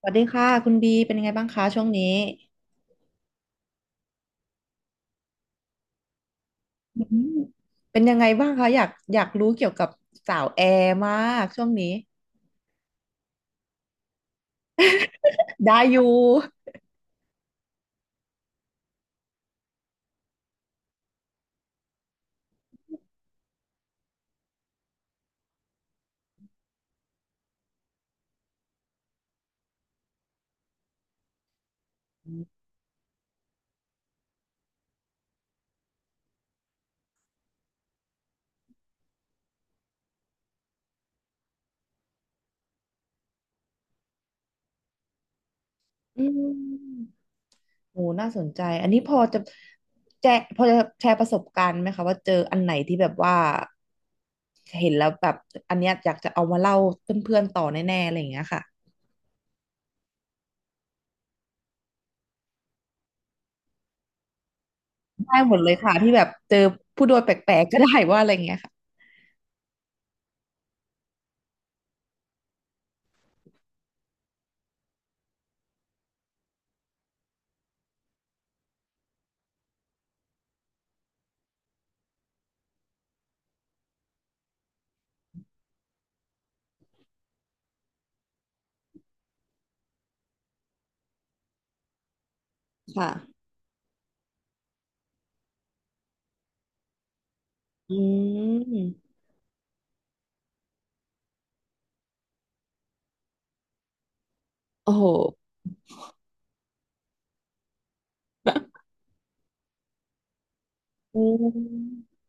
สวัสดีค่ะคุณบีเป็นยังไงบ้างคะช่วงนี้อืมเป็นยังไงบ้างคะอยากรู้เกี่ยวกับสาวแอร์มากช่วงนี้ได้อยู่อืมโหน่าสนใจอันนี้พอจะแจพอจะแชร์ประสบการณ์ไหมคะว่าเจออันไหนที่แบบว่าเห็นแล้วแบบอันเนี้ยอยากจะเอามาเล่าเพื่อนๆต่อแน่ๆอะไรอย่างเงี้ยค่ะได้หมดเลยค่ะที่แบบเจอผู้โดยแปลกๆก็ได้ว่าอะไรอย่างเงี้ยค่ะค่ะอืมโอ้โหอืม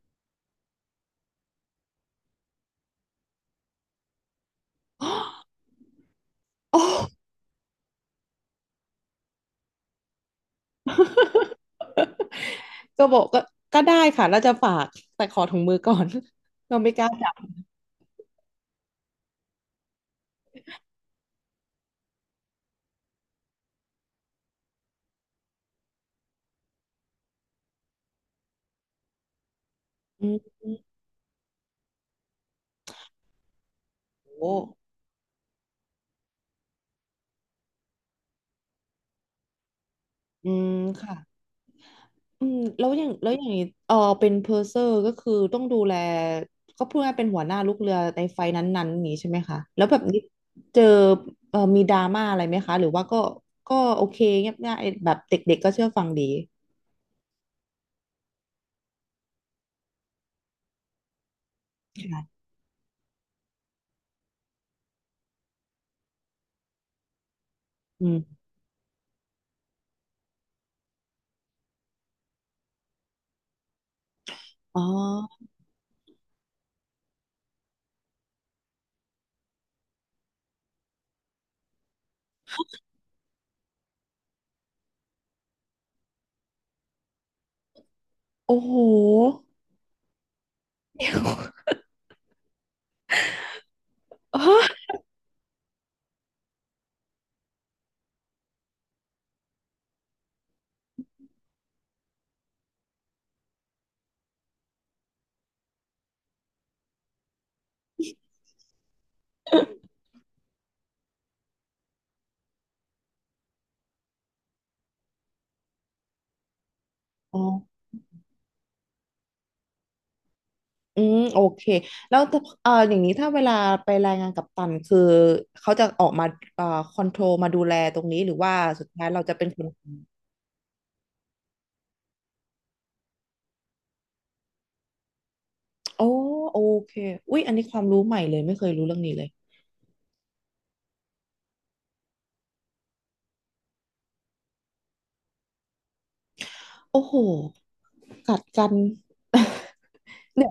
โอ้ ก็บอกก็ได้ค่ะแล้วจะฝากแต่ขอถุงมือก่อน เราไม่กล้าจับอืมโอ้อืมค่ะอืมแล้วอย่างนี้เออเป็นเพอร์เซอร์ก็คือต้องดูแลก็พูดง่ายๆเป็นหัวหน้าลูกเรือในไฟนั้นๆอย่างนี้ใช่ไหมคะแล้วแบบนี้เจอเออมีดราม่าอะไรไหมคะหรือว่าก็โอเคเงียบง่ายแบบเด็กๆก็เชื่อฟังดีค่ะอืมอ๋อโอ้โห อ๋อ อืมโอเคแล้วถ้าอย่างนี้ถ้าเวลาไปรายงานกัปตันคือเขาจะออกมาเอ่อคอนโทรลมาดูแลตรงนี้หรือว่าสุดท้ายเราจะเป็นคนโอ้โอเคอุ๊ยอันนี้ความรู้ใหม่เลยไม่เคยรู้เรื่องนี้เลยโอ้โหกัดกัน เนี่ย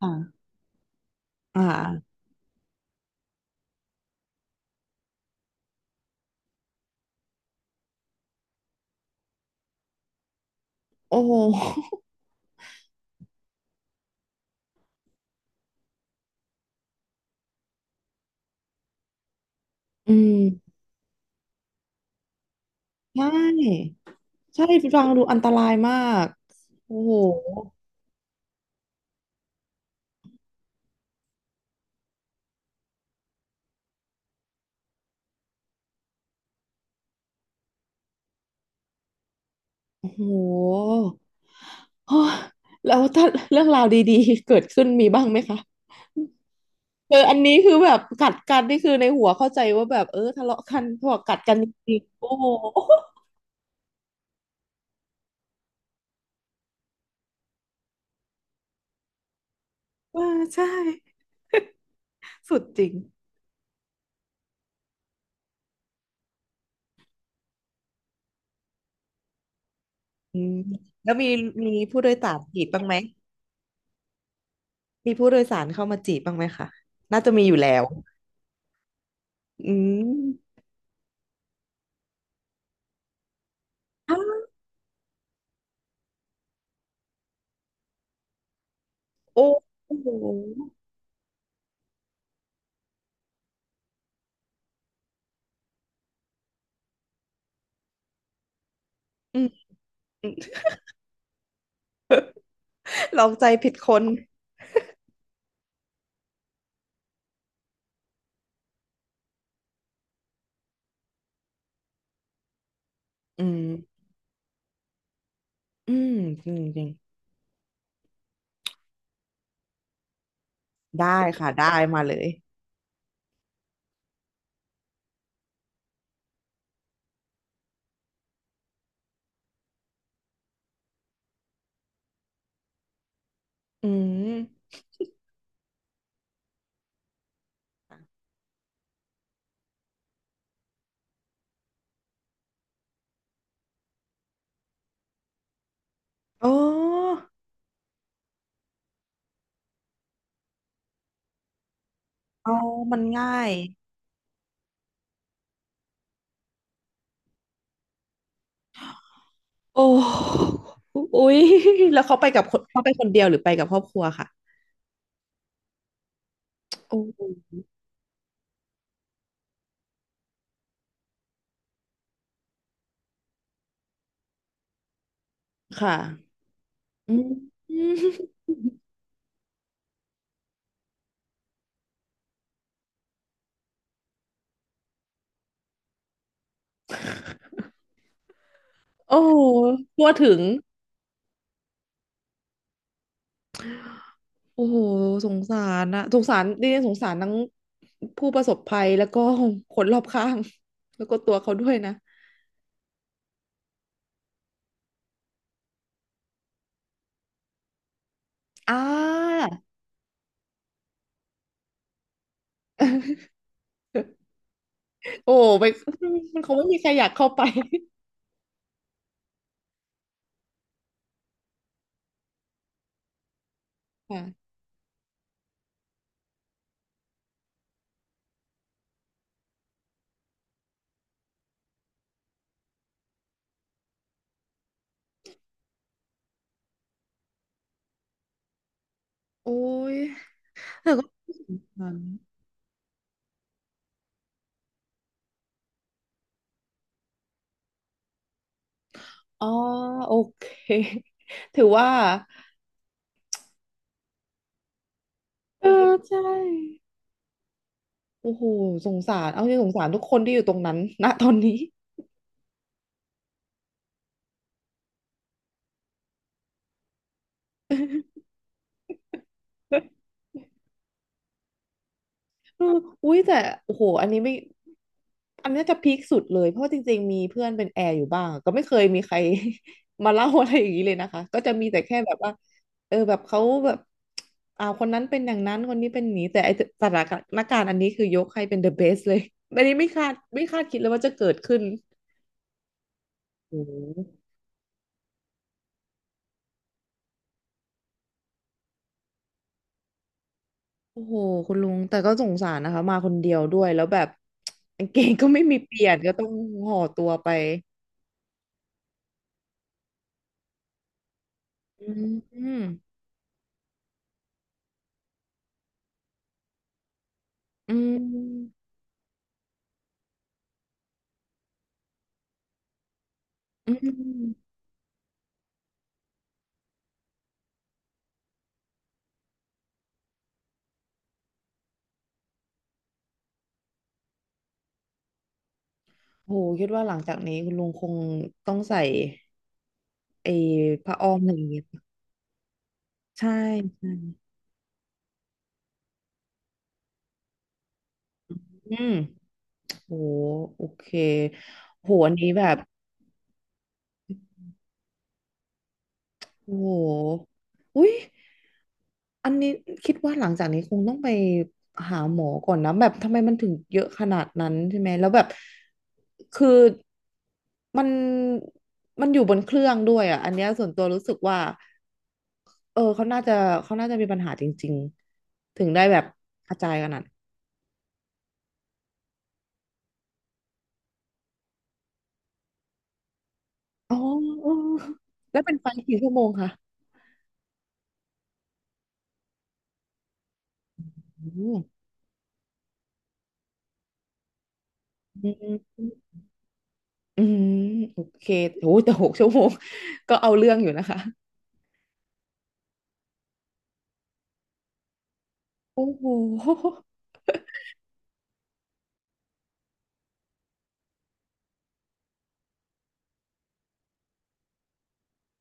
อ่าอ่าโอ้โหอืมใช่ใช่ฟังดูอันตรายมากโอ้โหโอ้โหโอ้ยแล้วถ้าเรื่องราวดีๆเกิดขึ้นมีบ้างไหมคะ เอออันนี้คือแบบกัดกันนี่คือในหัวเข้าใจว่าแบบเออทะเลาะกันพอกัดกันจริงๆโอ้โหเออใช่สุดจริงอืมแล้วมีมีผู้โดยสารจีบบ้างไหมมีผู้โดยสารเข้ามาจีบบ้างไหมคะน่าจะมีอยู่แล้วอืมอ้าวโอ้โหอืมลองใจผิดคนอืมอืมจริงจริงได้ค่ะได้มาเลยอืมโอ้อ๋อมันง่าย โอ้อุ๊ยแล้วเขาไปกับคนเขาไปคนเดียวหรือไปกับครอบครัวค่ะโอ้ค่ะอืมโอ้ทั่วถึงโอ้โหสงสารนะสงสารดิฉันสงสารทั้งผู้ประสบภัยแล้วก็คนรอบข้างแล้วก็ตัวเขาด้วยนะอ่า โอ้ไปมันคงไม่มีใครอยากเข้าไปค่ะโอ้ยแต่ก็สงสารอ๋อโอเคถือว่าเออใช่ โอ้โหสงสารเอาจริงสงสารทุกคนที่อยู่ตรงนั้น ณตอนนี้ เอออุ้ยแต่โอ้โหอันนี้ไม่อันนี้จะพีคสุดเลยเพราะว่าจริงๆมีเพื่อนเป็นแอร์อยู่บ้างก็ไม่เคยมีใคร มาเล่าอะไรอย่างนี้เลยนะคะก็จะมีแต่แค่แบบว่าเออแบบเขาแบบอ่าคนนั้นเป็นอย่างนั้นคนนี้เป็นอย่างนี้แต่ไอสถานการณ์อันนี้คือยกให้เป็น the best เลยอันนี้ไม่คาดคิดเลยว่าจะเกิดขึ้นโอ้โห โอ้โหคุณลุงแต่ก็สงสารนะคะมาคนเดียวด้วยแล้วแบบ กางเกงก็ไม่มีเปลี่ยนก็ต้องห่อตัวไปอืมอืมอืมอืมโหคิดว่าหลังจากนี้คุณลุงคงต้องใส่ไอ้ผ้าอ้อมอะไรอย่างเงี้ยใช่ใช่อืมโหโอเคโหอันนี้แบบ โอ้โหอุ้ยอันนี้คิดว่าหลังจากนี้คงต้องไปหาหมอก่อนนะแบบทำไมมันถึงเยอะขนาดนั้นใช่ไหมแล้วแบบคือมันมันอยู่บนเครื่องด้วยอ่ะอันเนี้ยส่วนตัวรู้สึกว่าเออเขาน่าจะมีปัญหาจริงๆถึงได้แบบกระจายขนาดนั้นอ๋อเออแล้วเป็นไฟกี่ชั่วโมงคะโอ้อืมอืมโอเคโอ้โหแต่6 ชั่วโมงก็เอาเรื่องอยู่นะคะ โอ้โห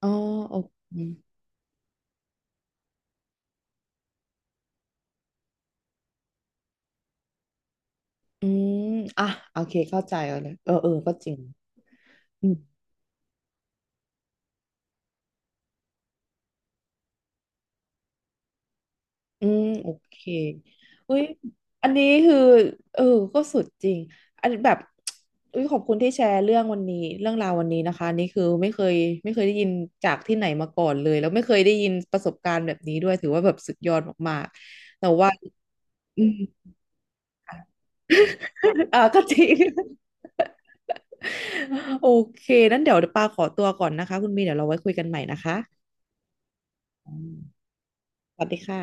อ๋อโอเคอืมอ่ะโอเคเข้าใจแล้วนะเออก็จริงอืมอืมโอเคอุ้ยอันนี้คือเออก็สุดจริงอันแบบอุ้ยขอบคุณที่แชร์เรื่องวันนี้เรื่องราววันนี้นะคะอันนี่คือไม่เคยได้ยินจากที่ไหนมาก่อนเลยแล้วไม่เคยได้ยินประสบการณ์แบบนี้ด้วยถือว่าแบบสุดยอดมากๆแต่ว่าอืม อ่าก็จริง โอเคนั้นเดี๋ยวปาขอตัวก่อนนะคะคุณมีเดี๋ยวเราไว้คุยกันใหม่นะคะ อืมสวัสดีค่ะ